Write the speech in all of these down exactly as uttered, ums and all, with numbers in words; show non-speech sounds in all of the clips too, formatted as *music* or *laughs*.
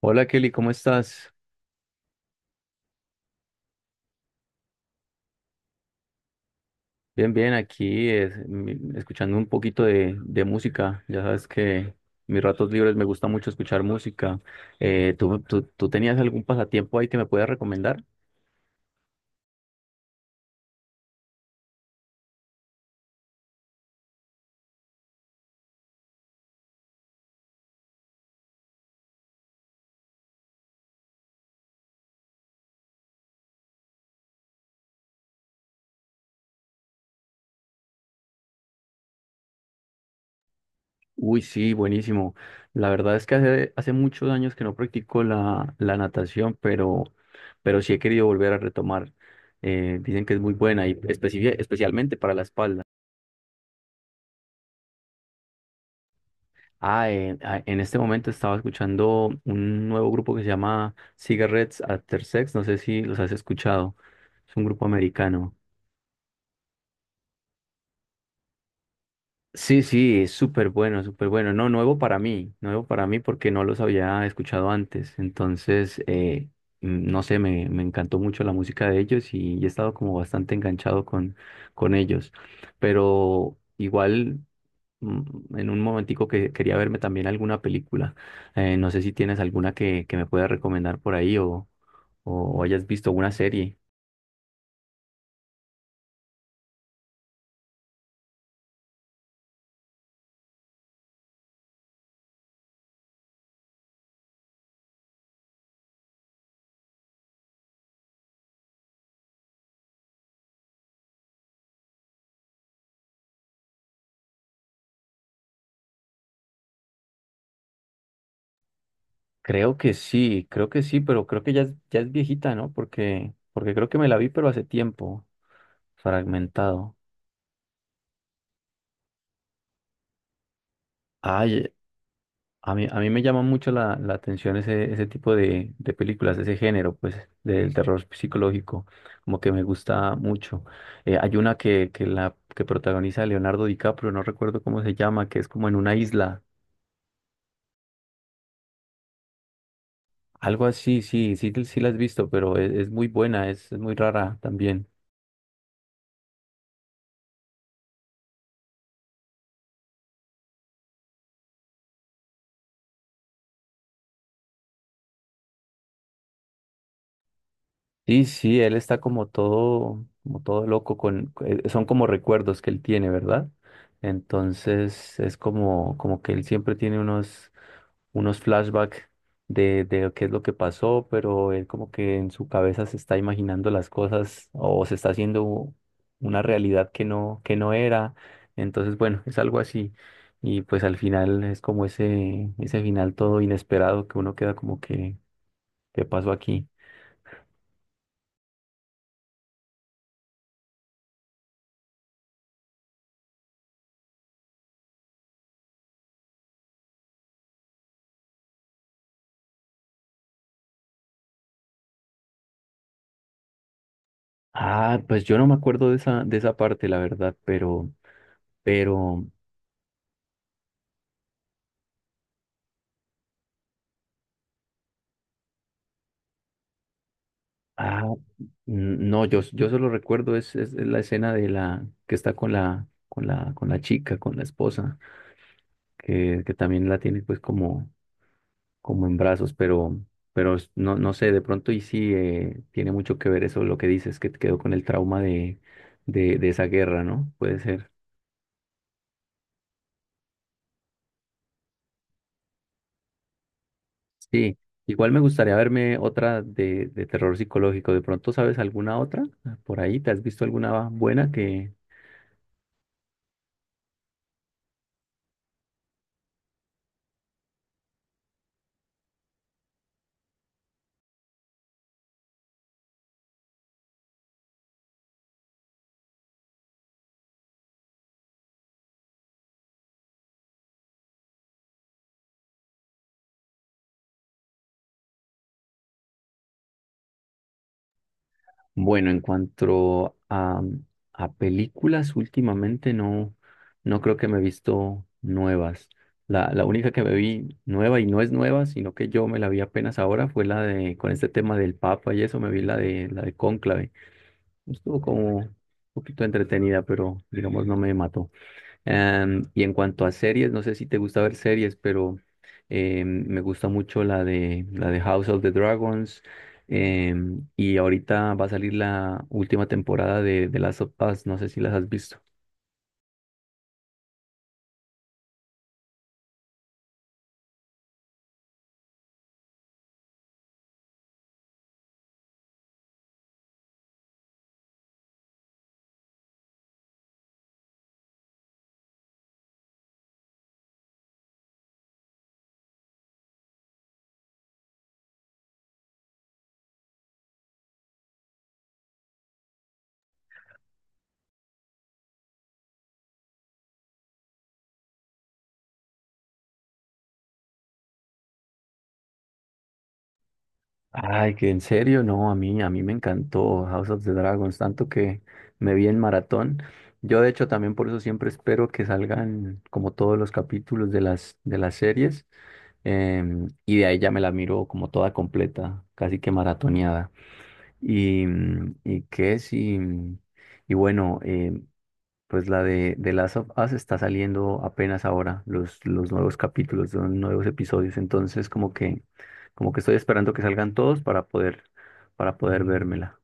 Hola, Kelly, ¿cómo estás? Bien, bien, aquí eh, mi- escuchando un poquito de, de música. Ya sabes que mis ratos libres me gusta mucho escuchar música. Eh, ¿tú, tú, tú tenías algún pasatiempo ahí que me puedas recomendar? Uy, sí, buenísimo. La verdad es que hace, hace muchos años que no practico la, la natación, pero, pero sí he querido volver a retomar. Eh, dicen que es muy buena y especi- especialmente para la espalda. Ah, en, ah, en este momento estaba escuchando un nuevo grupo que se llama Cigarettes After Sex, no sé si los has escuchado, es un grupo americano. Sí, sí, es súper bueno, súper bueno. No, nuevo para mí, nuevo para mí porque no los había escuchado antes. Entonces, eh, mm, no sé, me, me encantó mucho la música de ellos y he estado como bastante enganchado con, con ellos. Pero igual, mm, en un momentico que quería verme también alguna película. Eh, no sé si tienes alguna que, que me pueda recomendar por ahí o, o hayas visto una serie. Creo que sí, creo que sí, pero creo que ya, es- ya es viejita, ¿no? Porque, porque creo que me la vi, pero hace tiempo, fragmentado. Ay, a mí, a mí me llama mucho la, la atención ese, ese tipo de, de películas, ese género, pues, del terror psicológico, como que me gusta mucho. Eh, hay una que, que, la, que protagoniza Leonardo DiCaprio, no recuerdo cómo se llama, que es como en una isla, algo así, sí, sí, sí la has visto, pero es, es muy buena, es, es muy rara también. Sí, sí, él está como todo, como todo loco con, eh, son como recuerdos que él tiene, ¿verdad? Entonces es como, como que él siempre tiene unos, unos flashbacks de, de qué es lo que pasó, pero él como que en su cabeza se está imaginando las cosas o se está haciendo una realidad que no, que no era. Entonces, bueno, es algo así. Y pues al final es como ese, ese final todo inesperado que uno queda como que, ¿qué pasó aquí? Ah, pues yo no me acuerdo de esa, de esa parte, la verdad, pero, pero, ah, n- no, yo, yo solo recuerdo es, es la escena de la que está con la, con la, con la chica, con la esposa, que, que también la tiene pues como, como en brazos, pero, pero es- no, no sé, de pronto y sí eh, tiene mucho que ver eso, lo que dices, que te quedó con el trauma de, de, de esa guerra, ¿no? Puede ser. Sí, igual me gustaría verme otra de, de terror psicológico. ¿De pronto sabes alguna otra? Ah, por ahí, ¿te has visto alguna buena que... Bueno, en cuanto a, a películas, últimamente no, no creo que me he visto nuevas. La, la única que me vi nueva y no es nueva, sino que yo me la vi apenas ahora fue la de, con este tema del Papa y eso, me vi la de, la de Cónclave. Estuvo como un poquito entretenida, pero digamos no me mató. Em, y en cuanto a series, no sé si te gusta ver series, pero em, me gusta mucho la de, la de House of the Dragons. Em, y ahorita va a salir la última temporada de, de Last of Us, no sé si las has visto. Ay, que en serio, no, a mí, a mí me encantó House of the Dragons, tanto que me vi en maratón. Yo de hecho también por eso siempre espero que salgan como todos los capítulos de las, de las series, em, y de ahí ya me la miro como toda completa, casi que maratoneada. Y, mm, y qué sí. Y bueno, eh, pues la de The Last of Us está saliendo apenas ahora, los, los nuevos capítulos, los nuevos episodios. Entonces, como que, como que estoy esperando que salgan todos para poder, para poder vérmela.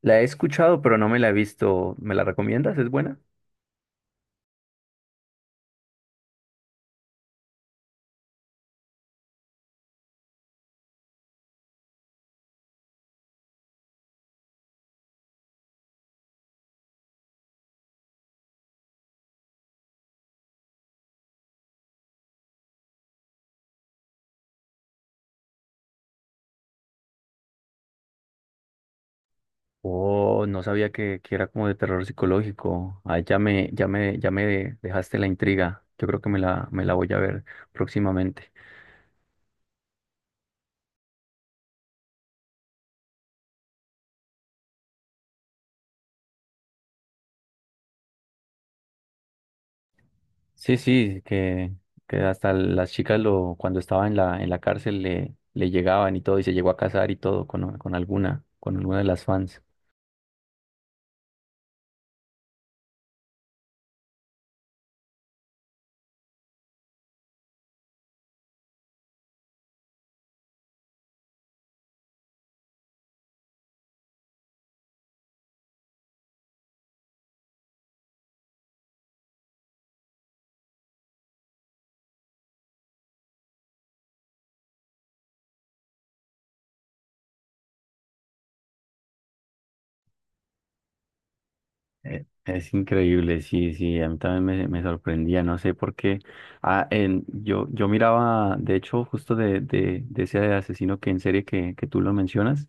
La he escuchado, pero no me la he visto. ¿Me la recomiendas? ¿Es buena? Oh, no sabía que, que era como de terror psicológico. Ay, ya me, ya me, ya me dejaste la intriga. Yo creo que me la, me la voy a ver próximamente. Sí, sí, que, que hasta las chicas lo, cuando estaba en la, en la cárcel le, le llegaban y todo, y se llegó a casar y todo con, con alguna, con alguna de las fans. Eh, Es increíble, sí, sí, a mí también me, me sorprendía, no sé por qué. Ah, en- yo, yo miraba, de hecho, justo de, de, de ese asesino que en serie que, que tú lo mencionas,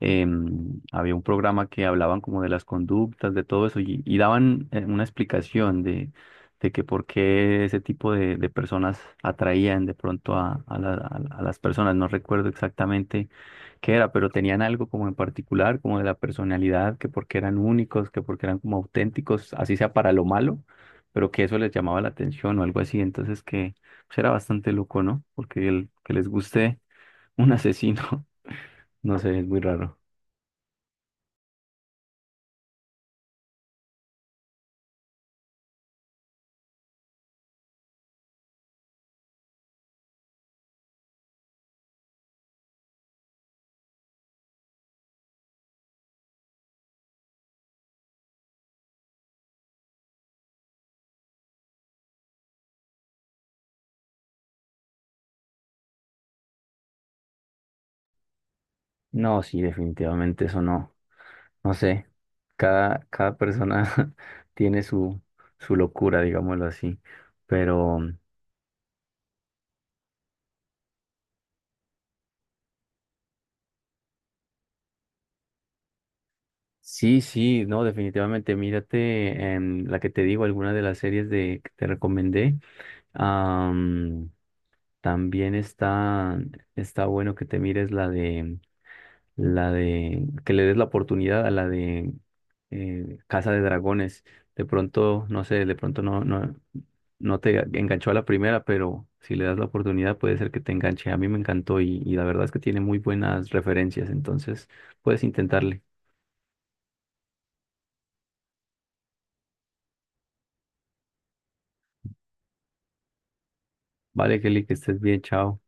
em, había un programa que hablaban como de las conductas, de todo eso, y, y daban eh, una explicación de, de que por qué ese tipo de, de personas atraían de pronto a, a la- a- a las personas. No recuerdo exactamente qué era, pero tenían algo como en particular, como de la personalidad, que porque eran únicos, que porque eran como auténticos, así sea para lo malo, pero que eso les llamaba la atención o algo así. Entonces que pues, era bastante loco, ¿no? Porque el que les guste un asesino, *laughs* no sé, es muy raro. No, sí, definitivamente eso no, no sé. Cada, cada persona *laughs* tiene su, su locura, digámoslo así. Pero sí, sí, no, definitivamente. Mírate em, la que te digo, alguna de las series de, que te recomendé. Am, también está, está bueno que te mires la de, la de, que le des la oportunidad a la de eh, Casa de Dragones. De pronto, no sé, de pronto no, no, no te enganchó a la primera, pero si le das la oportunidad puede ser que te enganche. A mí me encantó y, y la verdad es que tiene muy buenas referencias, entonces puedes intentarle. Vale, Kelly, que estés bien, chao.